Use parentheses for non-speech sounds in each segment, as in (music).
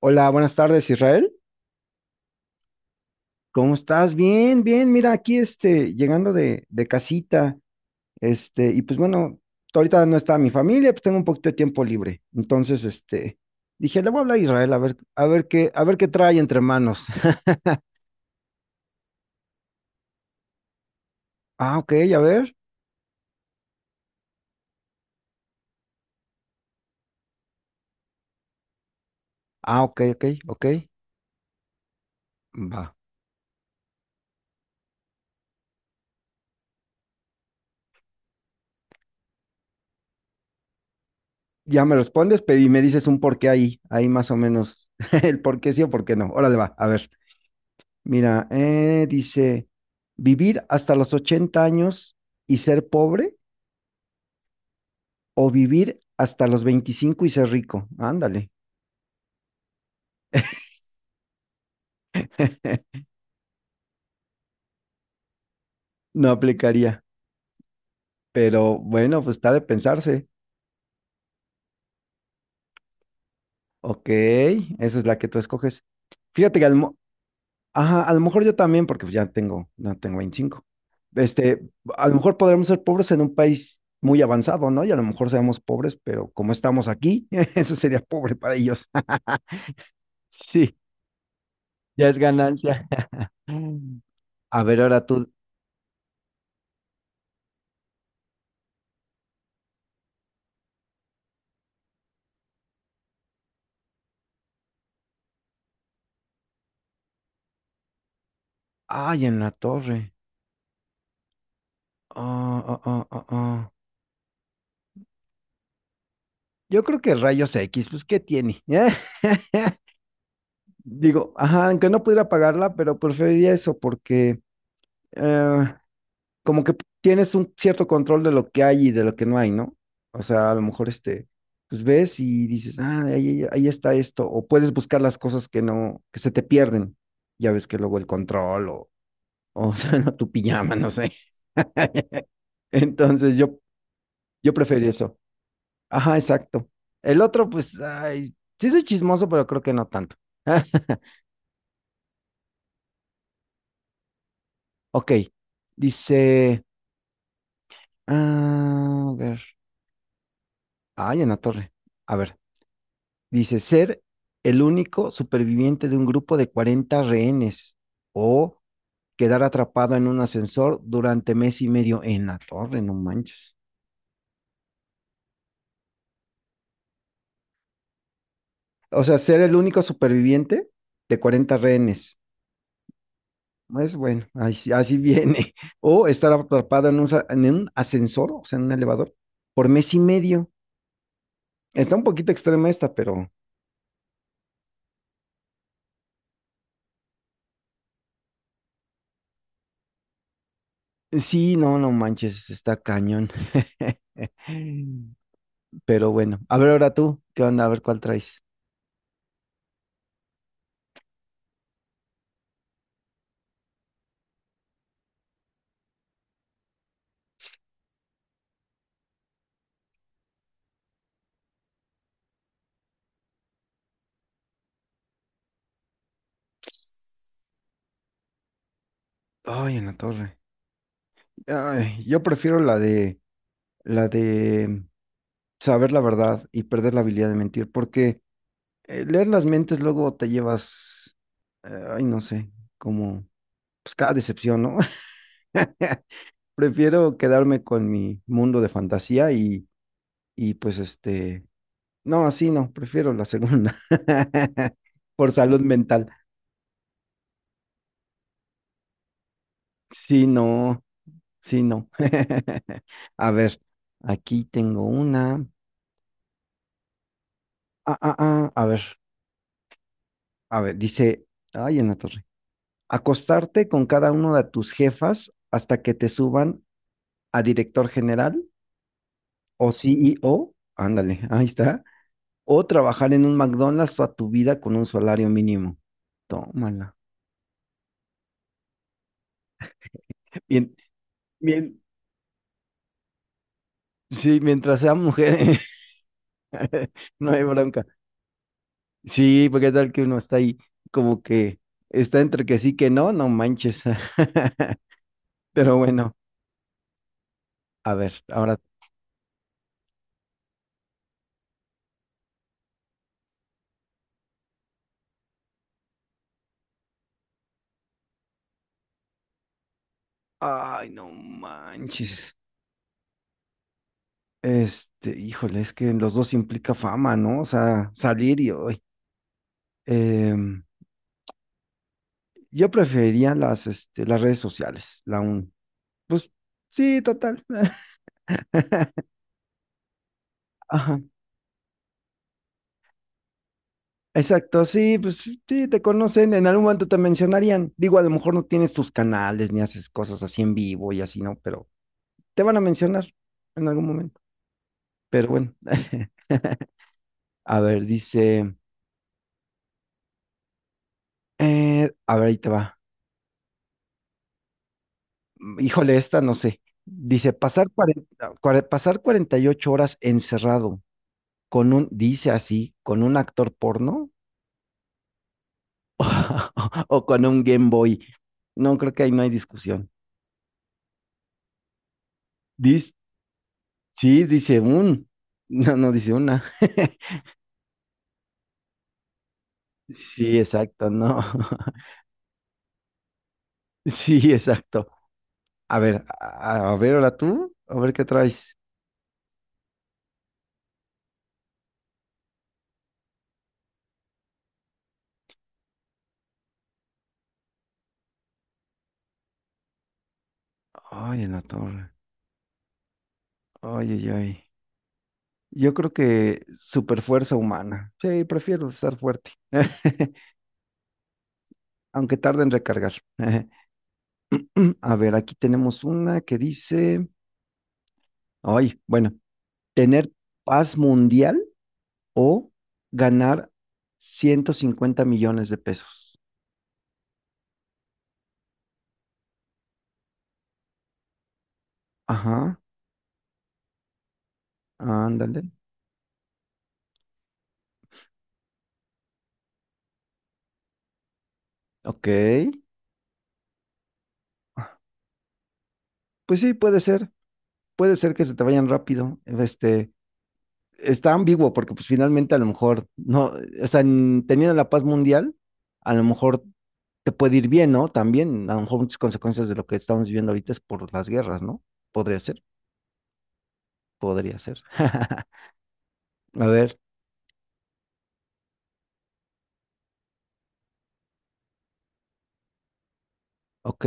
Hola, buenas tardes, Israel. ¿Cómo estás? Bien, bien. Mira, aquí este, llegando de casita, este, y pues bueno, ahorita no está mi familia, pues tengo un poquito de tiempo libre. Entonces, este, dije, le voy a hablar a Israel, a ver, a ver qué trae entre manos. (laughs) Ah, ok, a ver. Ah, ok, ok, ok. Va. Ya me respondes, pero y me dices un por qué ahí, ahí más o menos, (laughs) el por qué sí o por qué no. Órale, va, a ver. Mira, dice, vivir hasta los 80 años y ser pobre. O vivir hasta los 25 y ser rico. Ándale. (laughs) No aplicaría. Pero bueno, pues está de pensarse. Ok, esa es la que tú escoges. Fíjate que ajá, a lo mejor yo también, porque pues ya tengo, no tengo 25. Este, a lo mejor podremos ser pobres en un país muy avanzado, ¿no? Y a lo mejor seamos pobres, pero como estamos aquí, (laughs) eso sería pobre para ellos. (laughs) Sí, ya es ganancia. (laughs) A ver, ahora tú. Ay, en la torre. Ah. Yo creo que rayos X, pues, ¿qué tiene? (laughs) Digo, ajá, aunque no pudiera pagarla, pero preferiría eso porque eh, como que tienes un cierto control de lo que hay y de lo que no hay, ¿no? O sea, a lo mejor este, pues ves y dices, ah, ahí, ahí está esto, o puedes buscar las cosas que no, que se te pierden. Ya ves que luego el control o (laughs) sea, tu pijama, no sé. (laughs) Entonces yo preferiría eso. Ajá, exacto. El otro, pues, ay, sí soy chismoso, pero creo que no tanto. (laughs) Ok, dice, a ver, ay, en la torre. A ver, dice ser el único superviviente de un grupo de 40 rehenes o quedar atrapado en un ascensor durante mes y medio en la torre, no manches. O sea, ser el único superviviente de 40 rehenes. Es bueno, así, así viene. (laughs) O estar atrapado en un ascensor, o sea, en un elevador, por mes y medio. Está un poquito extrema esta, pero sí, no, no manches, está cañón. (laughs) Pero bueno, a ver ahora tú, ¿qué onda? A ver cuál traes. Ay, en la torre. Ay, yo prefiero la de saber la verdad y perder la habilidad de mentir, porque leer las mentes luego te llevas, ay, no sé, como, pues cada decepción, ¿no? (laughs) Prefiero quedarme con mi mundo de fantasía y pues este, no, así no, prefiero la segunda. (laughs) Por salud mental. Sí, no, sí, no. (laughs) A ver, aquí tengo una. Ah, ah, ah, a ver, a ver, dice, ay, en la torre. Acostarte con cada uno de tus jefas hasta que te suban a director general o CEO. Ándale, ahí está. O trabajar en un McDonald's toda tu vida con un salario mínimo. Tómala. Bien, bien, sí, mientras sea mujer, (laughs) no hay bronca. Sí, porque tal que uno está ahí como que está entre que sí que no, no manches. (laughs) Pero bueno, a ver, ahora. Ay, no manches. Este, híjole, es que en los dos implica fama, ¿no? O sea, salir y hoy. Em, yo preferiría las, este, las redes sociales, la un. Pues sí, total. (laughs) Ajá, exacto, sí, pues sí, te conocen, en algún momento te mencionarían. Digo, a lo mejor no tienes tus canales ni haces cosas así en vivo y así, ¿no? Pero te van a mencionar en algún momento. Pero bueno, (laughs) a ver, dice, a ver, ahí te va. Híjole, esta no sé. Dice, pasar 48 horas encerrado con un, dice así, con un actor porno (laughs) o con un Game Boy. No, creo que ahí no hay discusión. Dis- Sí, dice un. No, no dice una. (laughs) Sí, exacto, no. (laughs) Sí, exacto. A ver, ahora tú, a ver qué traes. Ay, en la torre. Ay, ay, ay. Yo creo que super fuerza humana. Sí, prefiero estar fuerte, (laughs) aunque tarde en recargar. (laughs) A ver, aquí tenemos una que dice, ay, bueno, tener paz mundial o ganar 150 millones de pesos. Ajá, ándale. Ok, pues sí, puede ser que se te vayan rápido. Este, está ambiguo porque pues finalmente a lo mejor no, o sea, teniendo la paz mundial, a lo mejor te puede ir bien, ¿no? También, a lo mejor muchas consecuencias de lo que estamos viviendo ahorita es por las guerras, ¿no? Podría ser, podría ser. (laughs) A ver, ok.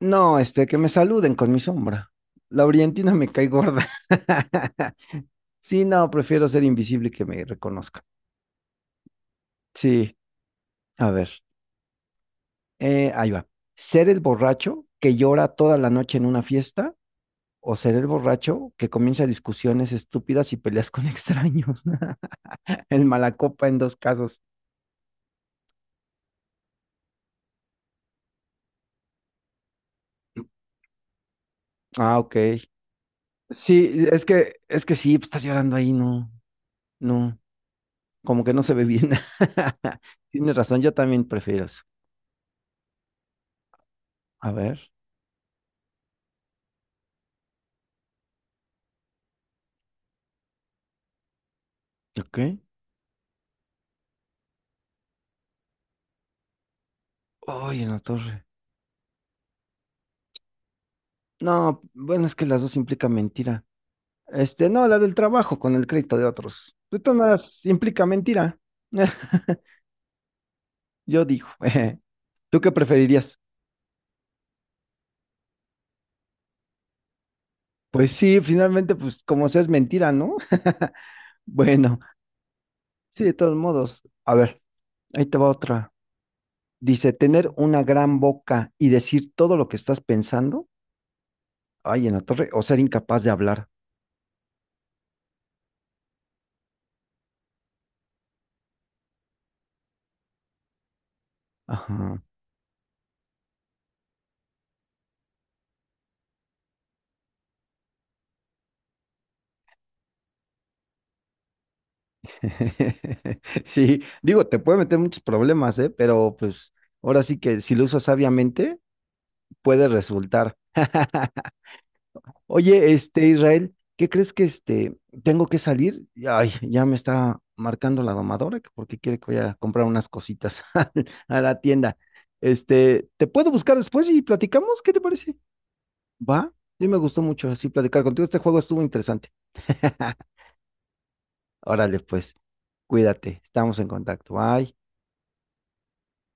No, este, que me saluden con mi sombra. La orientina me cae gorda. (laughs) Sí, no, prefiero ser invisible que me reconozcan. Sí, a ver. Ahí va. ¿Ser el borracho que llora toda la noche en una fiesta o ser el borracho que comienza discusiones estúpidas y peleas con extraños? (laughs) El malacopa en dos casos. Ah, ok. Sí, es que sí, pues, estar llorando ahí, no, no, como que no se ve bien. (laughs) Tienes razón, yo también prefiero eso. A ver, ok. Ay, en la torre. No, bueno, es que las dos implican mentira. Este, no, la del trabajo con el crédito de otros. Esto no implica mentira. (laughs) Yo digo, (laughs) ¿tú qué preferirías? Pues sí, finalmente, pues como sea es mentira, ¿no? (laughs) Bueno, sí, de todos modos. A ver, ahí te va otra. Dice, tener una gran boca y decir todo lo que estás pensando, ay, en la torre, o ser incapaz de hablar. Ajá. (laughs) Sí, digo, te puede meter muchos problemas, ¿eh? Pero pues ahora sí que si lo usas sabiamente, puede resultar. (laughs) Oye, este Israel, ¿qué crees que este tengo que salir? Ay, ya me está marcando la domadora que porque quiere que vaya a comprar unas cositas (laughs) a la tienda. Este, ¿te puedo buscar después y platicamos? ¿Qué te parece? Va, sí me gustó mucho así platicar contigo. Este juego estuvo interesante. (laughs) Órale, pues, cuídate, estamos en contacto. Bye.